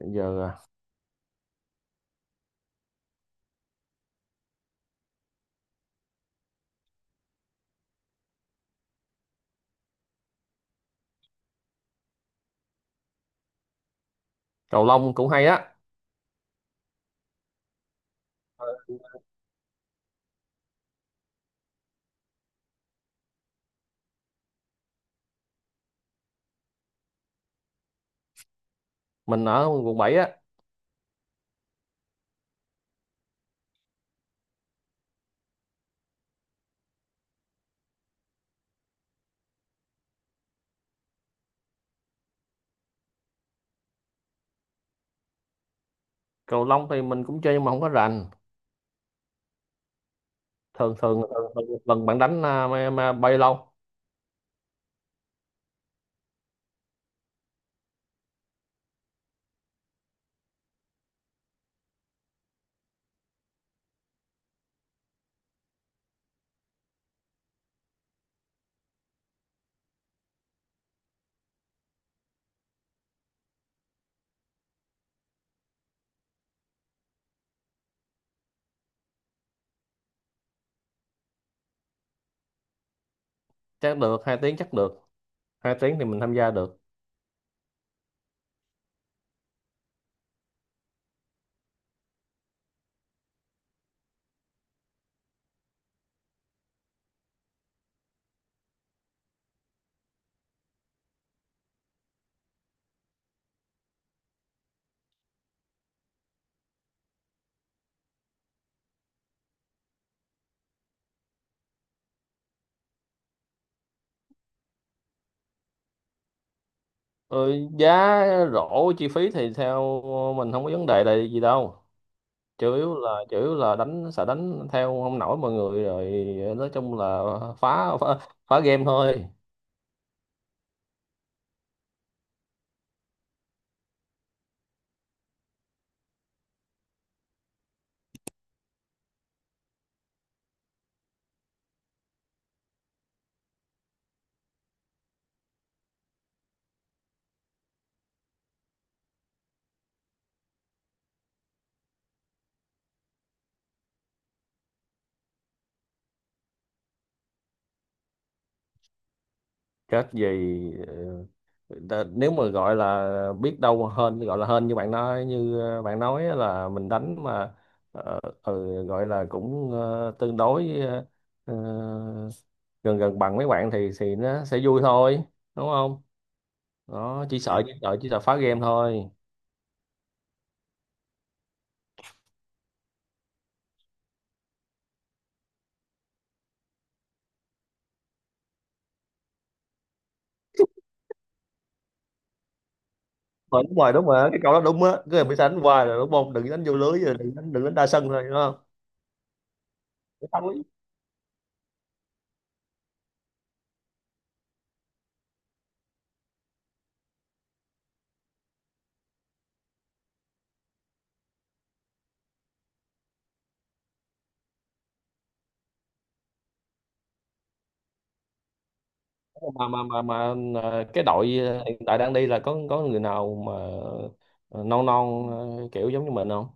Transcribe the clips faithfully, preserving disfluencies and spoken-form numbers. Bây giờ à, cầu lông cũng hay á. Mình ở quận bảy á. Cầu lông thì mình cũng chơi nhưng mà không có rành. Thường thường, thường, thường một lần bạn đánh à, mà, mà bay lâu. Chắc được hai tiếng. Chắc được. Hai tiếng thì mình tham gia được. Ừ, giá, rổ chi phí thì theo mình không có vấn đề là gì đâu. Chủ yếu là chủ yếu là đánh, sợ đánh theo không nổi mọi người rồi. Nói chung là phá phá, phá game thôi. Chết gì. Nếu mà gọi là biết đâu hên, gọi là hên như bạn nói, như ờ, bạn nói á, là mình đánh mà, ờ, ừ, gọi là cũng ờ, tương đối, ờ, ờ, gần gần bằng mấy bạn thì thì nó sẽ vui thôi, đúng không? Đó, chỉ sợ chỉ sợ chỉ sợ phá game thôi. Rồi, đúng rồi, đúng rồi, cái câu đó đúng á, cứ bị đánh hoài là đúng không, đừng đánh vô lưới, rồi đừng đánh, đừng đánh đa sân thôi, đúng không? Cái thắng. Mà mà mà mà ờ, cái đội ờ, hiện tại đang đi là có có người nào mà ờ, non non ờ, kiểu giống như mình không?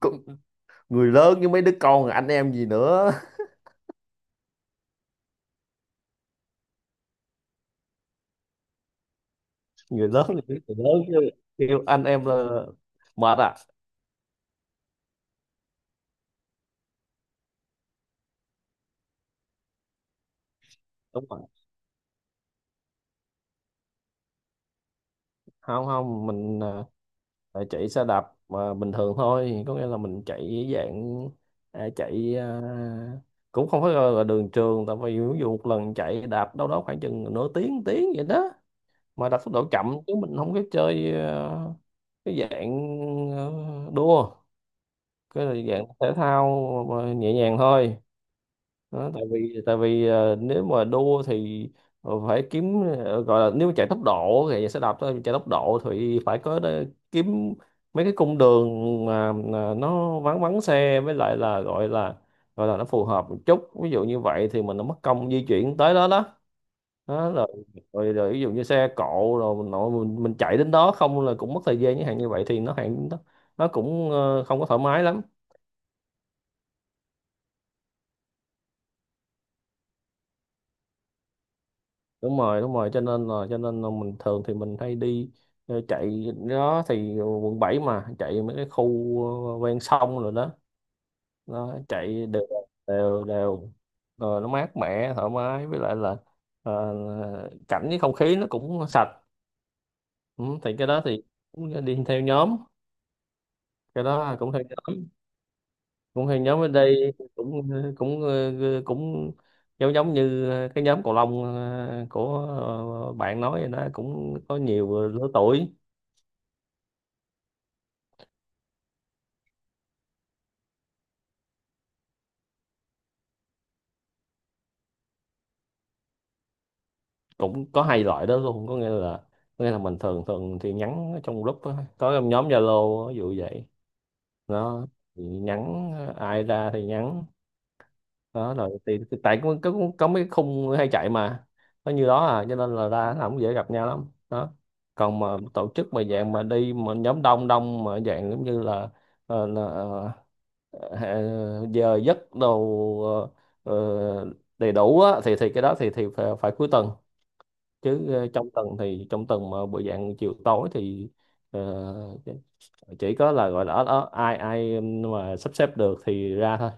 Có- Người lớn với mấy đứa con anh em gì nữa. Người lớn thì biết người lớn chứ, kêu anh em là mệt à. Đúng rồi. Không, không, mình ờ, chạy xe đạp mà bình thường thôi, có nghĩa là mình chạy dạng, ờ, chạy ờ, cũng không phải gọi là đường trường, tại vì ví dụ một lần chạy đạp đâu đó khoảng chừng nửa tiếng, tiếng vậy đó, mà đặt tốc độ chậm, chứ mình không có chơi ờ, cái dạng, ờ, đua. Cái là dạng thể thao mà nhẹ nhàng thôi. Đó, tại vì tại vì ờ, nếu mà đua thì ờ, phải kiếm, ờ, gọi là nếu chạy tốc độ thì sẽ đạp thôi, chạy tốc độ thì phải có đe- kiếm mấy cái cung đường mà mà nó vắng vắng xe, với lại là gọi là, gọi là nó phù hợp một chút, ví dụ như vậy, thì mình nó mất công di chuyển tới đó đó. Đó rồi, rồi rồi ví dụ như xe cộ, rồi mình nội mình, mình chạy đến đó không là cũng mất thời gian, những hàng như vậy thì nó hàng nó, nó cũng ờ, không có thoải mái lắm. Đúng rồi, đúng rồi, cho nên là cho nên là mình thường thì mình hay đi ờ, chạy đó, thì quận bảy mà chạy mấy cái khu ờ, ven sông rồi đó, nó chạy đều, đều đều, rồi nó mát mẻ thoải mái, với lại là ờ, cảnh với không khí nó cũng sạch. Ừ, thì cái đó thì cũng đi theo nhóm. Cái đó cũng theo nhóm. Cũng hay, nhóm ở đây cũng cũng ờ, cũng giống giống như cái nhóm cầu lông ờ, của, ờ, bạn nói vậy đó, cũng có nhiều lứa tuổi. Cũng có hai loại đó luôn, có nghĩa là, có nghĩa là mình thường thường thì nhắn ở trong group á, có trong nhóm Zalo ví dụ vậy. Nó thì nhắn ờ, ai ra thì nhắn. Đó rồi thì, thì tại có, có có mấy khung hay chạy mà nó như đó à, cho nên là ra nó không dễ gặp nhau lắm. Đó, còn mà tổ chức mà dạng mà đi mà nhóm đông đông mà dạng giống như là, ờ, là ờ, ờ, giờ giấc đồ ờ, ờ, đầy đủ á, thì thì cái đó thì thì phải, phải cuối tuần, chứ ờ, trong tuần thì trong tuần mà buổi dạng chiều tối thì ờ, chỉ có là gọi là ở, ở ai ai mà sắp xếp được thì ra thôi.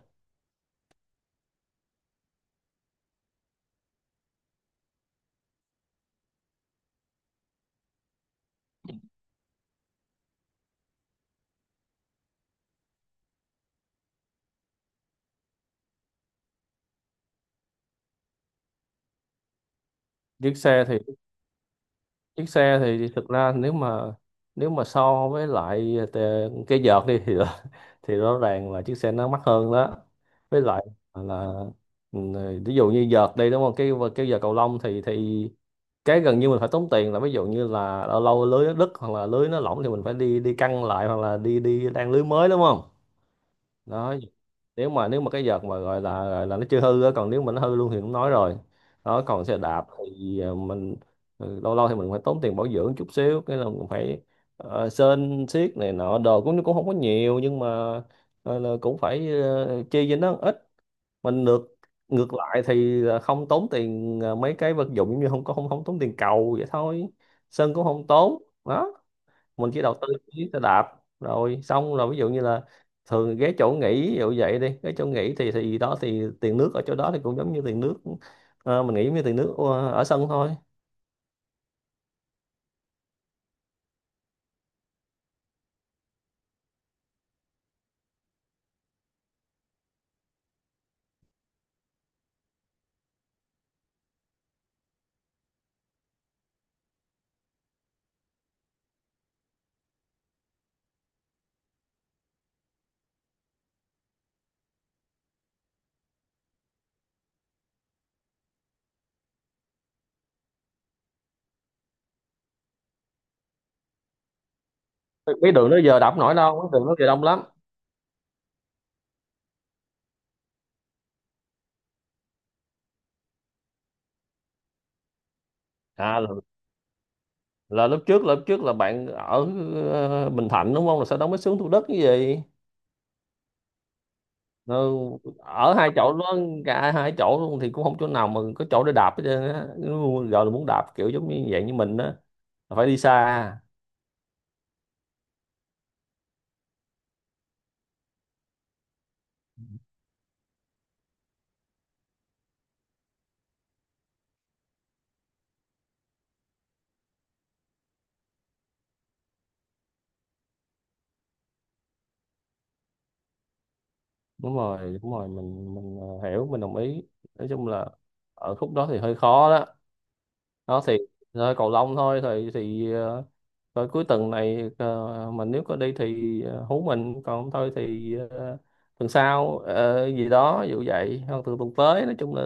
Chiếc xe thì, chiếc xe thì thực ra nếu mà, nếu mà so với lại tè- cái vợt đi thì rõ- thì rõ ràng là chiếc xe nó mắc hơn đó, với lại là, ừ, ví dụ như vợt đi đúng không, cái cái vợt cầu lông thì, thì cái gần như mình phải tốn tiền là, ví dụ như là lâu lâu lưới nó đứt, hoặc là lưới nó lỏng thì mình phải đi đi căng lại, hoặc là đi đi đan lưới mới, đúng không? Đó, nếu mà, nếu mà cái vợt mà gọi là, gọi là nó chưa hư á, còn nếu mà nó hư luôn thì cũng nói rồi. Đó, còn xe đạp thì ờ, mình, ừ, lâu lâu thì mình phải tốn tiền bảo dưỡng chút xíu, cái là mình phải ờ, sơn xiết này nọ đồ, cũng cũng không có nhiều, nhưng mà ờ, là cũng phải ờ, chi cho nó ít. Mình ngược, ngược lại thì là không tốn tiền ờ, mấy cái vật dụng, giống như không có, không không tốn tiền cầu vậy thôi. Sơn cũng không tốn đó. Mình chỉ đầu tư cái xe đạp, rồi xong rồi ví dụ như là thường ghé chỗ nghỉ ví dụ vậy đi, cái chỗ nghỉ thì thì đó thì tiền nước ở chỗ đó thì cũng giống như tiền nước ờ, mình nghĩ như tiền nước ờ, ở sân thôi. Cái đường đó giờ đạp nổi đâu, cái đường đó giờ đông lắm. à là, là lúc trước, là lúc trước là bạn ở ờ, Bình Thạnh đúng không, là sau đó mới xuống Thủ Đức cái gì. Ừ, ở hai chỗ đó, cả hai chỗ luôn thì cũng không chỗ nào mà có chỗ để đạp hết trơn á. Nó gọi là muốn đạp kiểu giống như vậy như mình á, là phải đi xa. Đúng rồi, đúng rồi, mình mình ờ, hiểu, mình đồng ý. Nói chung là ở khúc đó thì hơi khó đó, nó thì, thôi cầu lông thôi thì thì ờ, rồi cuối tuần này ờ, mình nếu có đi thì ờ, hú mình, còn không thôi thì ờ, tuần sau ờ, gì đó vụ vậy, hoặc từ tuần tới, nói chung là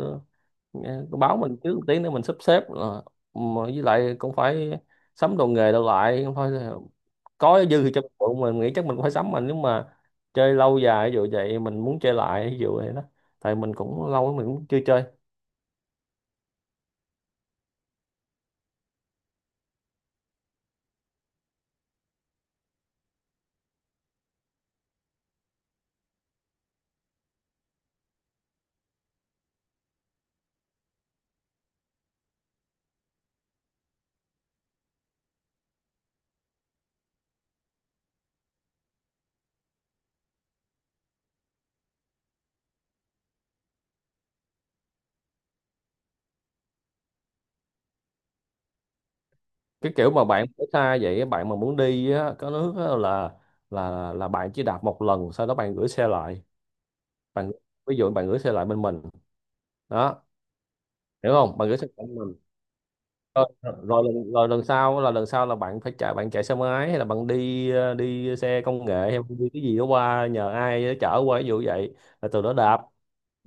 ờ, báo mình trước một tiếng để mình sắp xếp, là mà với lại cũng phải sắm đồ nghề đâu lại không thôi. Có dư thì cho mình mình nghĩ chắc mình cũng phải sắm, mà nếu mà chơi lâu dài ví dụ vậy, mình muốn chơi lại ví dụ vậy đó, tại mình cũng lâu lắm mình cũng chưa chơi. Cái kiểu mà bạn ở xa vậy, bạn mà muốn đi á, có nước á là là là bạn chỉ đạp một lần, sau đó bạn gửi xe lại. Bạn, ví dụ bạn gửi xe lại bên mình. Đó, hiểu không, bạn gửi xe lại bên mình, rồi rồi lần, rồi lần sau là, lần sau là bạn phải chạy, bạn chạy xe máy hay là bạn đi ờ, đi xe công nghệ, hay đi cái gì đó qua, nhờ ai đó chở qua ví dụ vậy, là từ đó đạp.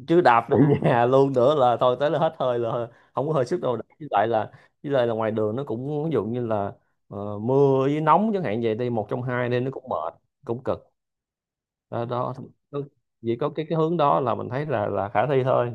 Chứ đạp về nhà luôn nữa là thôi, tới là hết hơi, là không có hơi sức đâu. với lại là với lại là ngoài đường nó cũng ví dụ như là ờ, mưa với nóng chẳng hạn vậy, đi một trong hai nên nó cũng mệt, cũng cực. Đó, đó, chỉ có cái cái hướng đó là mình thấy là là khả thi thôi.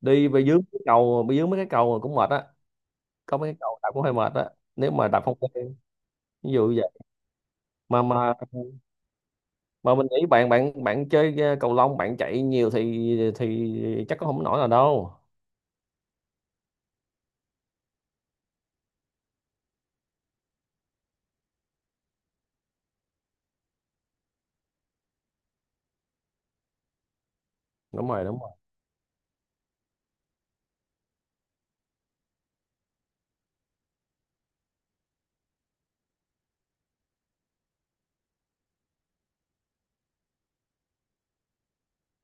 Đi về dưới cái cầu, bị dưới mấy cái cầu cũng mệt á, có mấy cái cầu đạp cũng hơi mệt á, nếu mà đạp không quen, ví dụ vậy. mà mà mà mình nghĩ bạn, bạn bạn chơi ờ, cầu lông bạn chạy nhiều thì thì chắc có không nổi là đâu. Đúng rồi, đúng